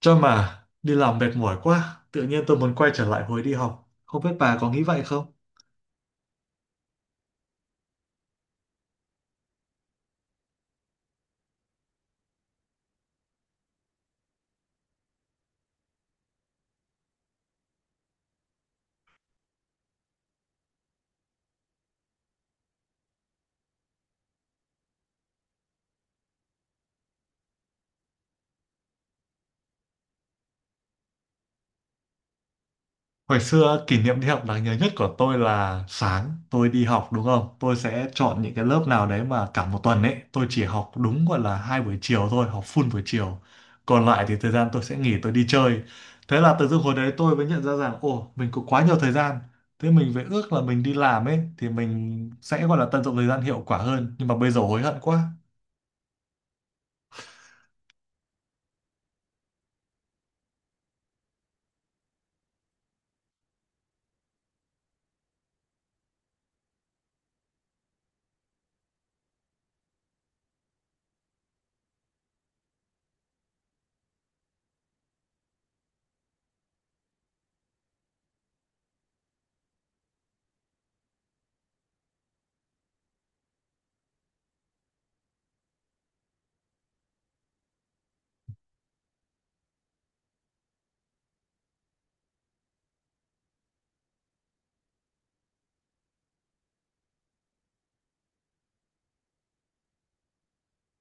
Cho mà đi làm mệt mỏi quá, tự nhiên tôi muốn quay trở lại hồi đi học. Không biết bà có nghĩ vậy không? Hồi xưa kỷ niệm đi học đáng nhớ nhất của tôi là sáng tôi đi học đúng không? Tôi sẽ chọn những cái lớp nào đấy mà cả một tuần ấy tôi chỉ học đúng gọi là hai buổi chiều thôi, học full buổi chiều. Còn lại thì thời gian tôi sẽ nghỉ tôi đi chơi. Thế là tự dưng hồi đấy tôi mới nhận ra rằng ồ mình có quá nhiều thời gian. Thế mình phải ước là mình đi làm ấy thì mình sẽ gọi là tận dụng thời gian hiệu quả hơn. Nhưng mà bây giờ hối hận quá.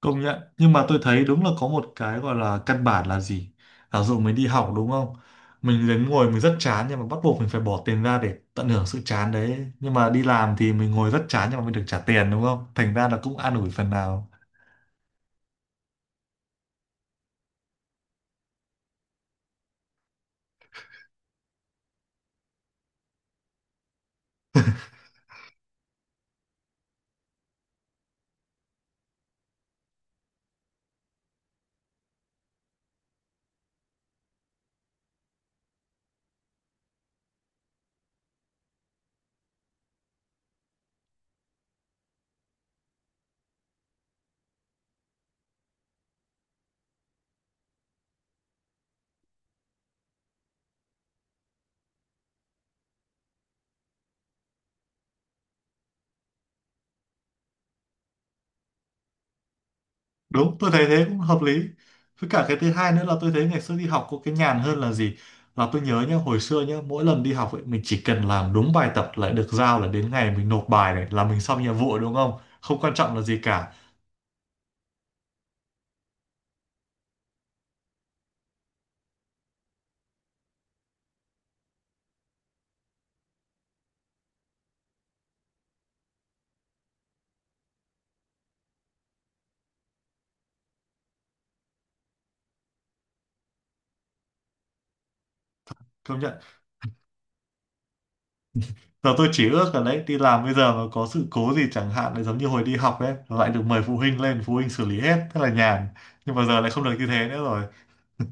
Công nhận, nhưng mà tôi thấy đúng là có một cái gọi là căn bản là gì, giả dụ mình đi học đúng không, mình đến ngồi mình rất chán nhưng mà bắt buộc mình phải bỏ tiền ra để tận hưởng sự chán đấy. Nhưng mà đi làm thì mình ngồi rất chán nhưng mà mình được trả tiền đúng không, thành ra là cũng an ủi phần nào. Đúng, tôi thấy thế cũng hợp lý. Với cả cái thứ hai nữa là tôi thấy ngày xưa đi học có cái nhàn hơn là gì, là tôi nhớ nhá, hồi xưa nhá, mỗi lần đi học ấy mình chỉ cần làm đúng bài tập lại được giao, là đến ngày mình nộp bài này là mình xong nhiệm vụ đúng không, không quan trọng là gì cả. Công nhận. Giờ tôi chỉ ước là đấy, đi làm bây giờ mà có sự cố gì chẳng hạn lại giống như hồi đi học đấy, lại được mời phụ huynh lên, phụ huynh xử lý hết, thế là nhàn. Nhưng mà giờ lại không được như thế nữa rồi.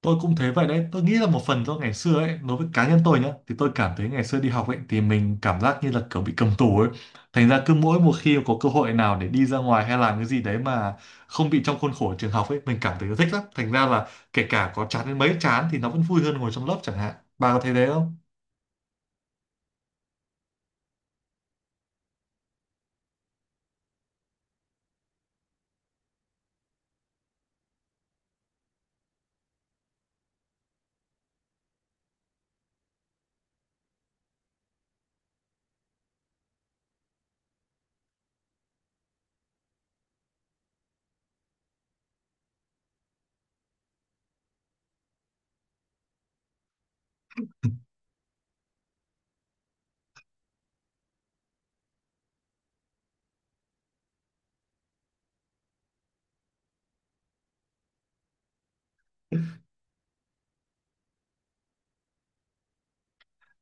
Tôi cũng thế vậy đấy. Tôi nghĩ là một phần do ngày xưa ấy, đối với cá nhân tôi nhá, thì tôi cảm thấy ngày xưa đi học ấy thì mình cảm giác như là kiểu bị cầm tù ấy. Thành ra cứ mỗi một khi có cơ hội nào để đi ra ngoài hay làm cái gì đấy mà không bị trong khuôn khổ trường học ấy, mình cảm thấy thích lắm. Thành ra là kể cả có chán đến mấy, chán thì nó vẫn vui hơn ngồi trong lớp chẳng hạn, bà có thấy thế không?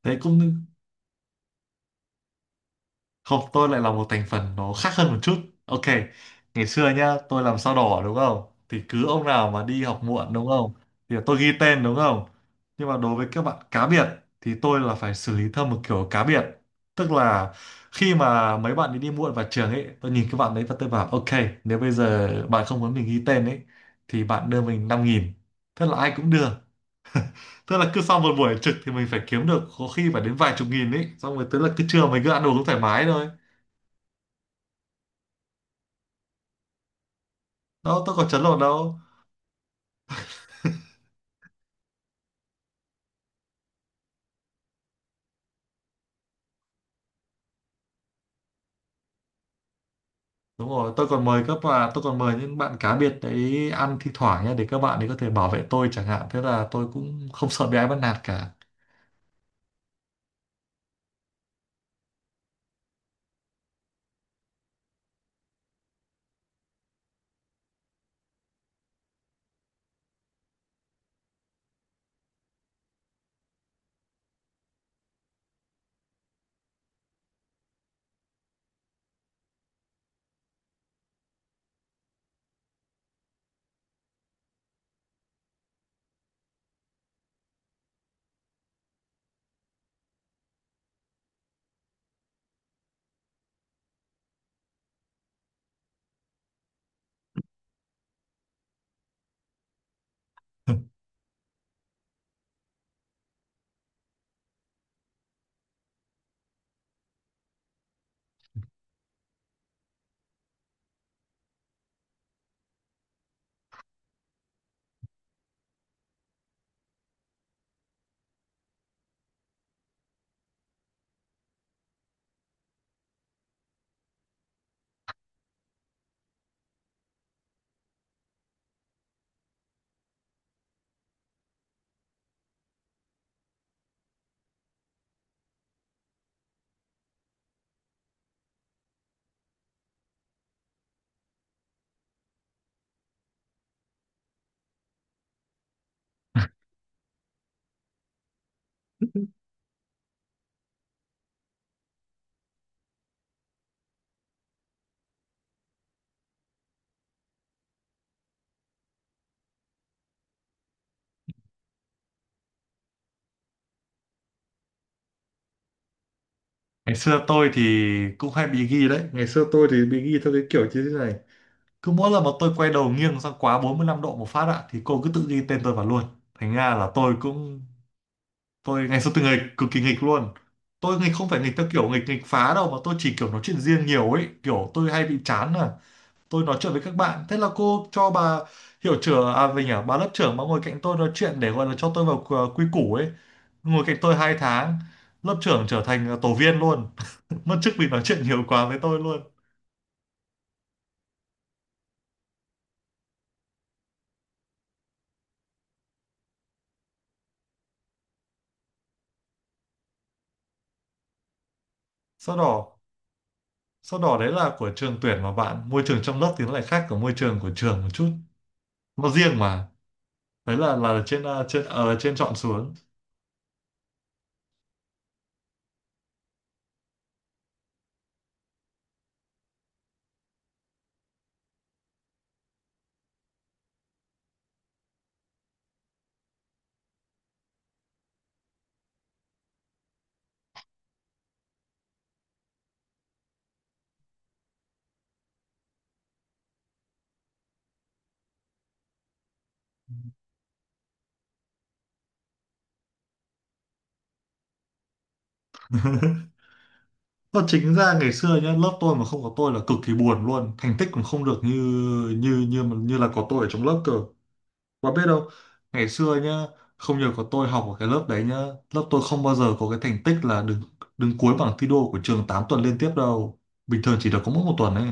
Đấy cũng. Không, tôi lại là một thành phần nó khác hơn một chút. Ok, ngày xưa nhá, tôi làm sao đỏ đúng không? Thì cứ ông nào mà đi học muộn đúng không? Thì tôi ghi tên đúng không? Nhưng mà đối với các bạn cá biệt thì tôi là phải xử lý theo một kiểu cá biệt. Tức là khi mà mấy bạn ấy đi muộn vào trường ấy, tôi nhìn các bạn đấy và tôi bảo ok, nếu bây giờ bạn không muốn mình ghi tên ấy thì bạn đưa mình năm nghìn. Thế là ai cũng đưa. Tức là cứ sau một buổi trực thì mình phải kiếm được có khi phải đến vài chục nghìn ấy, xong rồi tức là cứ trưa mình cứ ăn uống thoải mái thôi. Đâu tôi có chấn lột đâu. Đúng rồi, tôi còn mời các bạn, tôi còn mời những bạn cá biệt đấy ăn thi thoảng nhé, để các bạn ấy có thể bảo vệ tôi chẳng hạn, thế là tôi cũng không sợ bị ai bắt nạt cả. Ngày xưa tôi thì cũng hay bị ghi đấy. Ngày xưa tôi thì bị ghi theo cái kiểu như thế này: cứ mỗi lần mà tôi quay đầu nghiêng sang quá 45 độ một phát ạ thì cô cứ tự ghi tên tôi vào luôn. Thành ra là tôi cũng, tôi ngày xưa tôi nghịch, cực kỳ nghịch luôn. Tôi nghịch không phải nghịch theo kiểu nghịch nghịch phá đâu, mà tôi chỉ kiểu nói chuyện riêng nhiều ấy, kiểu tôi hay bị chán à. Tôi nói chuyện với các bạn, thế là cô cho bà hiệu trưởng à mình à bà lớp trưởng mà ngồi cạnh tôi nói chuyện để gọi là cho tôi vào quy quy củ ấy. Ngồi cạnh tôi hai tháng, lớp trưởng trở thành tổ viên luôn. Mất chức vì nói chuyện nhiều quá với tôi luôn. Sau đó sau đó đấy là của trường tuyển, mà bạn môi trường trong lớp thì nó lại khác của môi trường của trường một chút, nó riêng mà. Đấy là trên ở trên chọn xuống. Và chính ra ngày xưa nhá, lớp tôi mà không có tôi là cực kỳ buồn, luôn thành tích cũng không được như như là có tôi ở trong lớp cơ. Bạn biết đâu ngày xưa nhá, không nhờ có tôi học ở cái lớp đấy nhá, lớp tôi không bao giờ có cái thành tích là đứng đứng cuối bảng thi đua của trường 8 tuần liên tiếp đâu. Bình thường chỉ được có mỗi một tuần ấy.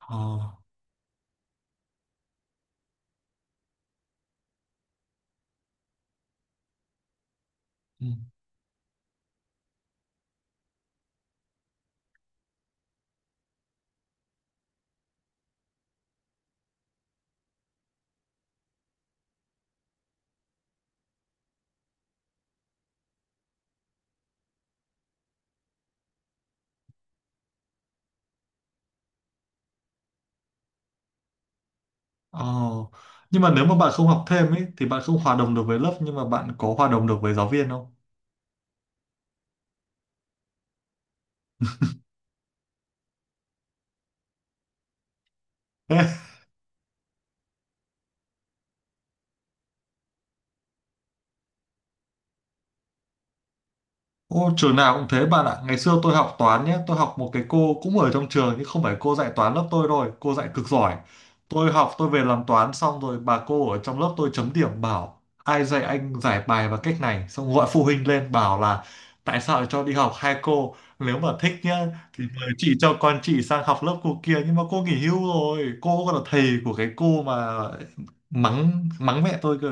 Ờ. Ừ. Ờ. Nhưng mà nếu mà bạn không học thêm ấy thì bạn không hòa đồng được với lớp, nhưng mà bạn có hòa đồng được với giáo viên không? Ô, trường nào cũng thế bạn ạ. Ngày xưa tôi học toán nhé. Tôi học một cái cô cũng ở trong trường nhưng không phải cô dạy toán lớp tôi rồi. Cô dạy cực giỏi. Tôi học, tôi về làm toán xong rồi bà cô ở trong lớp tôi chấm điểm bảo ai dạy anh giải bài bằng cách này. Xong gọi phụ huynh lên bảo là tại sao lại cho đi học hai cô. Nếu mà thích nhá thì mời chị cho con chị sang học lớp cô kia. Nhưng mà cô nghỉ hưu rồi. Cô còn là thầy của cái cô mà mắng mắng mẹ tôi cơ.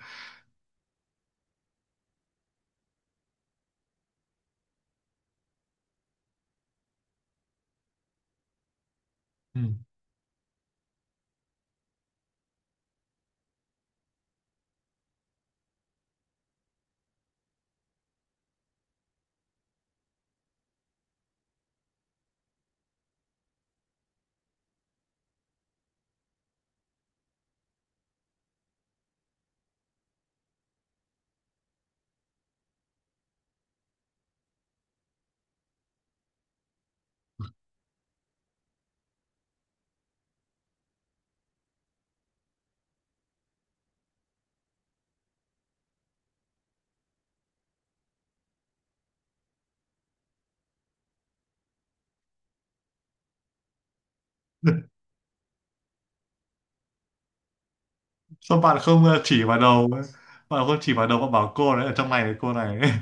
Ừ. Sao bạn không chỉ vào đầu bạn không chỉ vào đầu bạn bảo cô đấy ở trong này là cô này.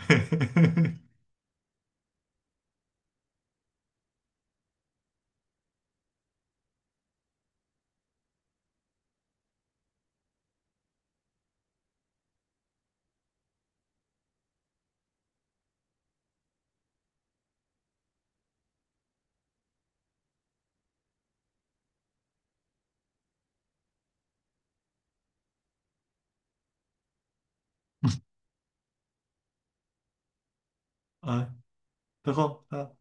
Ờ, được không? Ờ,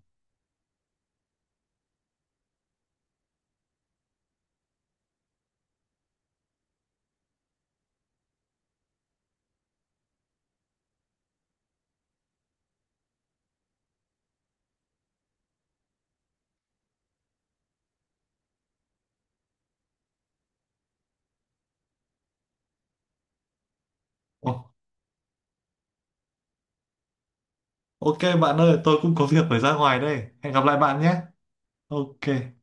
ồ, ok bạn ơi, tôi cũng có việc phải ra ngoài đây. Hẹn gặp lại bạn nhé. Ok.